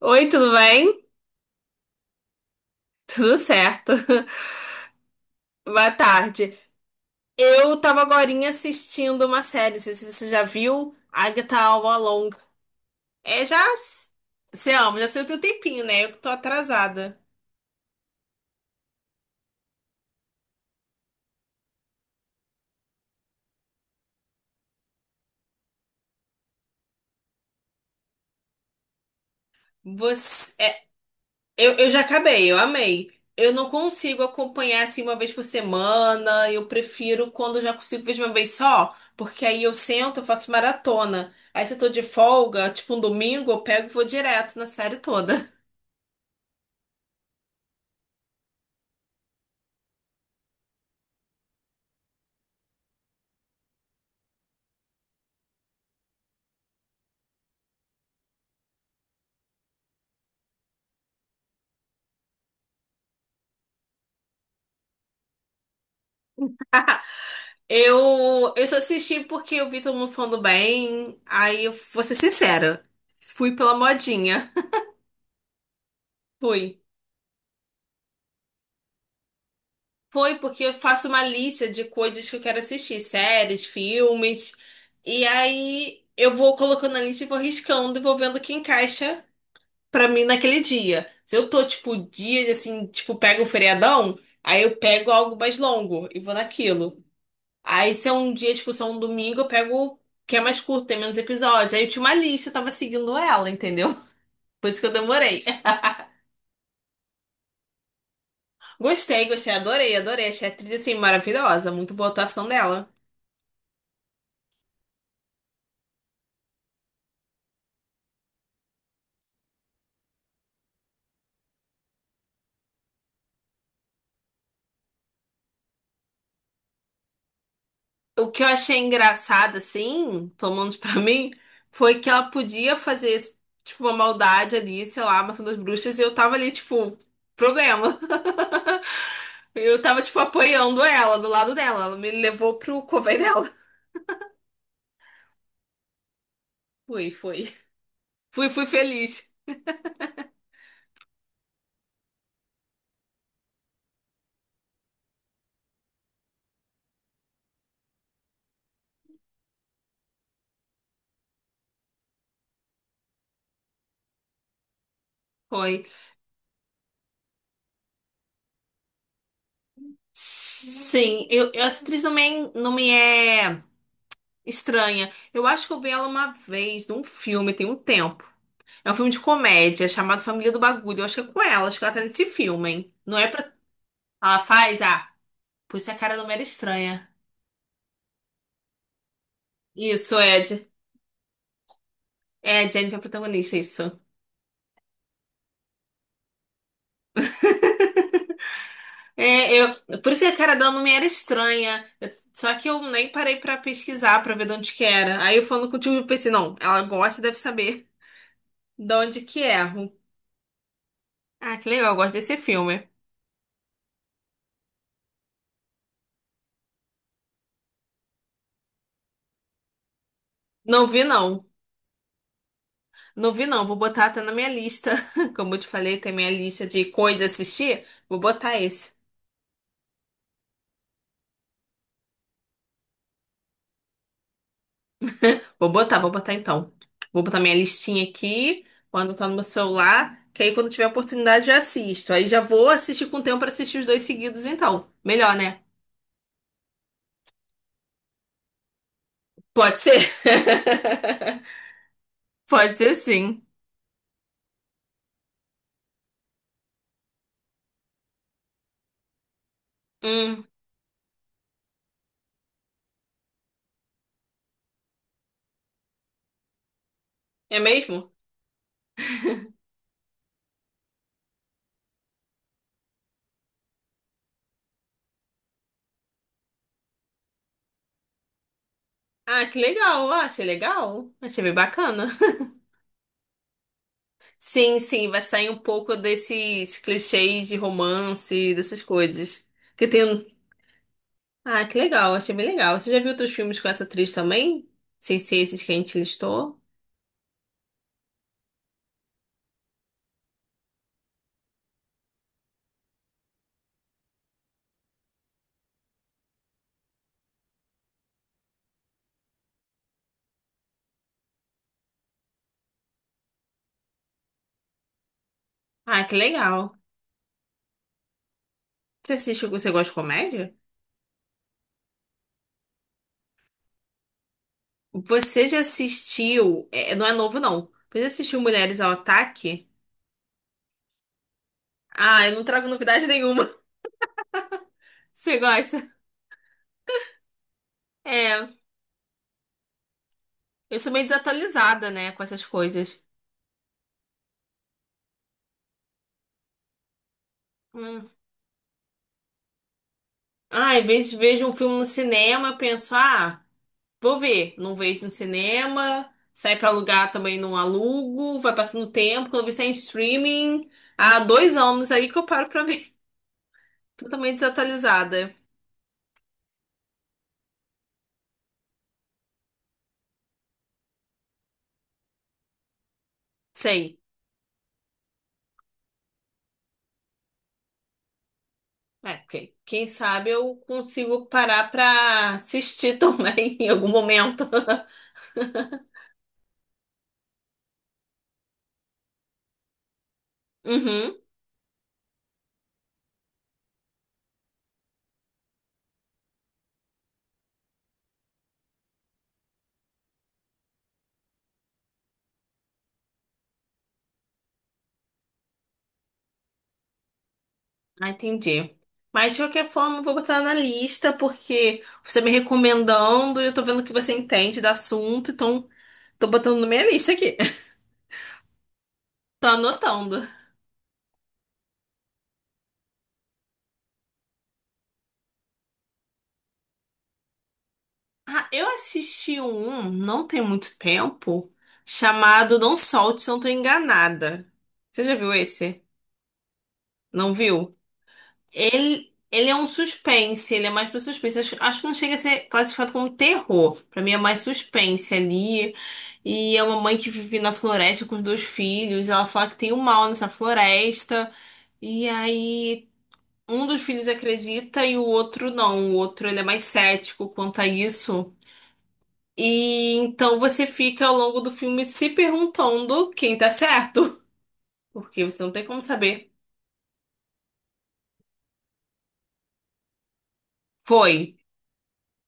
Oi, tudo bem? Tudo certo. Boa tarde. Eu tava agorinha assistindo uma série, não sei se você já viu, Agatha All Along. É, já... Você ama, já saiu tem um tempinho, né? Eu que tô atrasada. Você... é, eu já acabei, eu amei. Eu não consigo acompanhar assim uma vez por semana, eu prefiro quando eu já consigo ver de uma vez só, porque aí eu sento, eu faço maratona. Aí se eu tô de folga, tipo um domingo, eu pego e vou direto na série toda. Eu só assisti porque eu vi todo mundo falando bem. Aí eu vou ser sincera. Fui pela modinha. Fui. Foi porque eu faço uma lista de coisas que eu quero assistir, séries, filmes. E aí eu vou colocando na lista e vou riscando e vou vendo o que encaixa pra mim naquele dia. Se eu tô, tipo, dias assim, tipo, pego um feriadão, aí eu pego algo mais longo e vou naquilo. Aí se é um dia, tipo, se é um domingo, eu pego o que é mais curto, tem menos episódios. Aí eu tinha uma lista, eu tava seguindo ela, entendeu? Por isso que eu demorei. Gostei, gostei, adorei, adorei. Achei a atriz, assim, maravilhosa. Muito boa a atuação dela. O que eu achei engraçado, assim, tomando pra mim, foi que ela podia fazer, tipo, uma maldade ali, sei lá, matando as bruxas, e eu tava ali, tipo, problema. Eu tava, tipo, apoiando ela, do lado dela. Ela me levou pro cover dela. Fui, fui. Fui, fui feliz. Foi. Sim, essa atriz também não me é estranha. Eu acho que eu vi ela uma vez num filme, tem um tempo. É um filme de comédia chamado Família do Bagulho. Eu acho que é com ela, acho que ela tá nesse filme, hein? Não é pra. Ela faz? Ah, por isso a cara não me era estranha. Isso, Ed. É, a Jennifer é a protagonista, isso. É, eu, por isso que a cara dela não me era estranha. Eu- só que eu nem parei pra pesquisar pra ver de onde que era. Aí eu falando contigo, eu pensei, não, ela gosta, deve saber de onde que é. Ah, que legal, eu gosto desse filme. Não vi, não. Não vi, não. Vou botar até na minha lista. Como eu te falei, tem minha lista de coisas a assistir. Vou botar esse. Vou botar então. Vou botar minha listinha aqui, quando tá no meu celular, que aí quando tiver oportunidade eu assisto. Aí já vou assistir com tempo pra assistir os dois seguidos, então. Melhor, né? Pode ser? Pode ser sim. Hum, é mesmo? Ah, que legal. Ah, achei legal. Achei bem bacana. Sim, sim, vai sair um pouco desses clichês de romance, dessas coisas. Que tem. Um- ah, que legal, achei bem legal. Você já viu outros filmes com essa atriz também? Sem ser esses que a gente listou? Ah, que legal. Você assistiu, você gosta de comédia? Você já assistiu. É, não é novo, não. Você já assistiu Mulheres ao Ataque? Ah, eu não trago novidade nenhuma. Você gosta? É, eu sou meio desatualizada, né, com essas coisas. Hum. Ah, às vezes vejo um filme no cinema, eu penso, ah. Vou ver. Não vejo no cinema. Sai pra alugar também não alugo. Vai passando tempo. Quando eu vi sai em streaming. Há dois anos aí que eu paro pra ver. Totalmente desatualizada. Sei. É, ok. Quem sabe eu consigo parar pra assistir também em algum momento. Uhum. Ah, entendi. Mas de qualquer forma, eu vou botar na lista porque você me recomendando eu tô vendo que você entende do assunto, então tô botando na minha lista aqui. Tô anotando. Ah, eu assisti um, não tem muito tempo, chamado Não Solte Se Eu Não Tô Enganada. Você já viu esse? Não viu? Ele é um suspense, ele é mais pra suspense. Acho, acho que não chega a ser classificado como terror. Pra mim é mais suspense ali. E é uma mãe que vive na floresta com os dois filhos. Ela fala que tem um mal nessa floresta. E aí um dos filhos acredita e o outro não. O outro ele é mais cético quanto a isso. E então você fica ao longo do filme se perguntando quem tá certo. Porque você não tem como saber. Foi,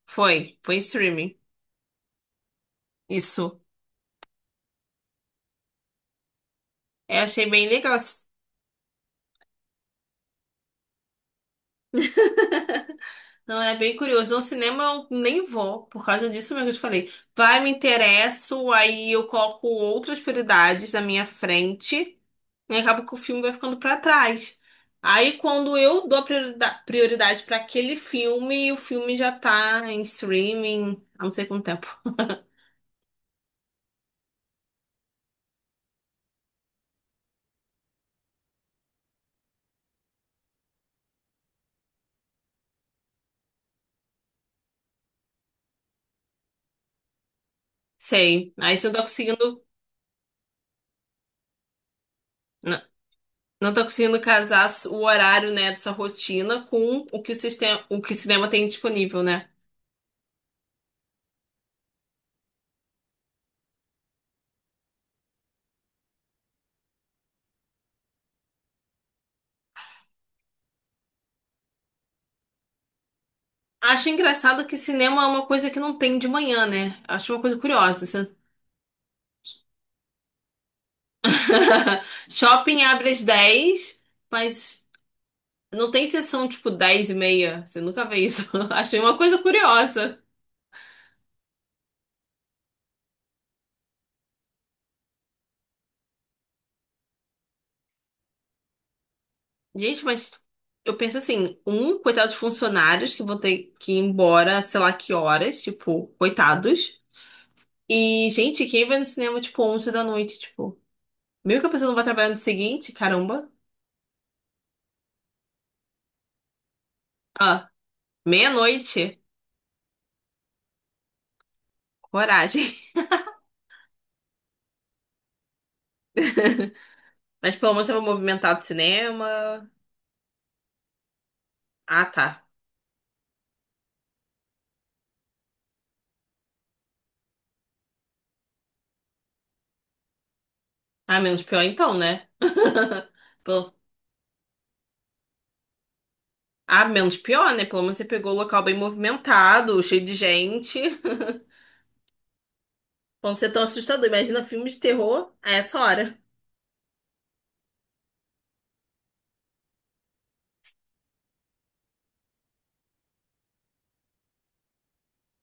foi, foi em streaming. Isso. Eu achei bem legal. Não, é bem curioso. No cinema eu nem vou, por causa disso mesmo que eu te falei. Vai, me interesso, aí eu coloco outras prioridades na minha frente e acaba que o filme vai ficando pra trás. Aí quando eu dou a priorida- prioridade pra aquele filme, o filme já tá em streaming há não sei quanto tempo. Sei. Aí você não tá conseguindo. Não, não tá conseguindo casar o horário, né, dessa rotina com o que o sistema, o que o cinema tem disponível, né? Acho engraçado que cinema é uma coisa que não tem de manhã, né? Acho uma coisa curiosa. Assim. Shopping abre às dez, mas não tem sessão tipo 10 e meia. Você nunca vê isso. Achei uma coisa curiosa. Gente, mas eu penso assim, um, coitados funcionários que vão ter que ir embora, sei lá que horas, tipo, coitados. E, gente, quem vai no cinema, tipo, 11 da noite, tipo... Meio que a pessoa não vai trabalhar no dia seguinte, caramba. Ah, meia-noite. Coragem. Mas pelo menos eu vou movimentar do cinema. Ah, tá. Ah, menos pior então, né? Pelo- ah, menos pior, né? Pelo menos você pegou o local bem movimentado, cheio de gente. Pra não ser tão assustador. Imagina filme de terror a essa hora.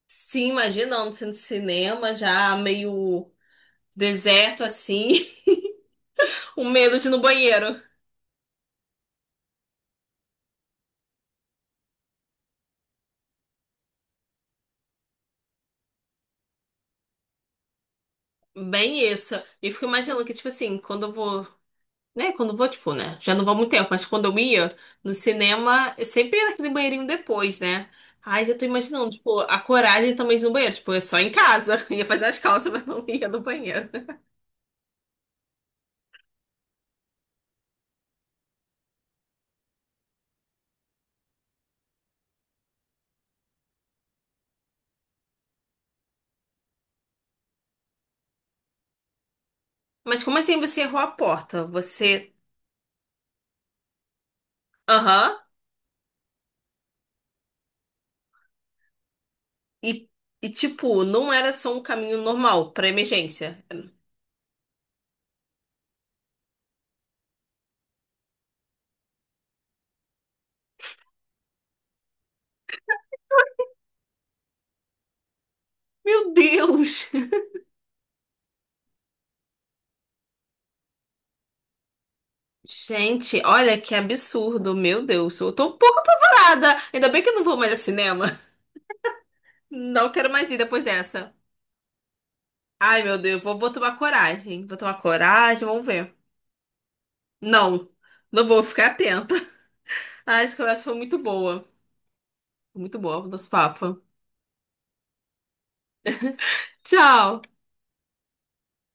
Sim, imagina, não sendo cinema, já meio deserto assim, o medo de ir no banheiro. Bem isso. E eu fico imaginando que, tipo assim, quando eu vou. Né? Quando eu vou, tipo, né? Já não vou há muito tempo, mas quando eu ia no cinema, eu sempre ia naquele banheirinho depois, né? Ai, já tô imaginando, tipo, a coragem também de ir no banheiro. Tipo, é só em casa. Ia fazer as calças, mas não ia no banheiro. Mas como assim você errou a porta? Você. Aham. e, tipo, não era só um caminho normal pra emergência. Meu Deus! Gente, olha que absurdo, meu Deus. Eu tô um pouco apavorada. Ainda bem que eu não vou mais a cinema. Não quero mais ir depois dessa. Ai, meu Deus, vou tomar coragem. Vou tomar coragem, vamos ver. Não, não vou ficar atenta. Ai, essa conversa foi muito boa. Muito boa o nosso papo. Tchau!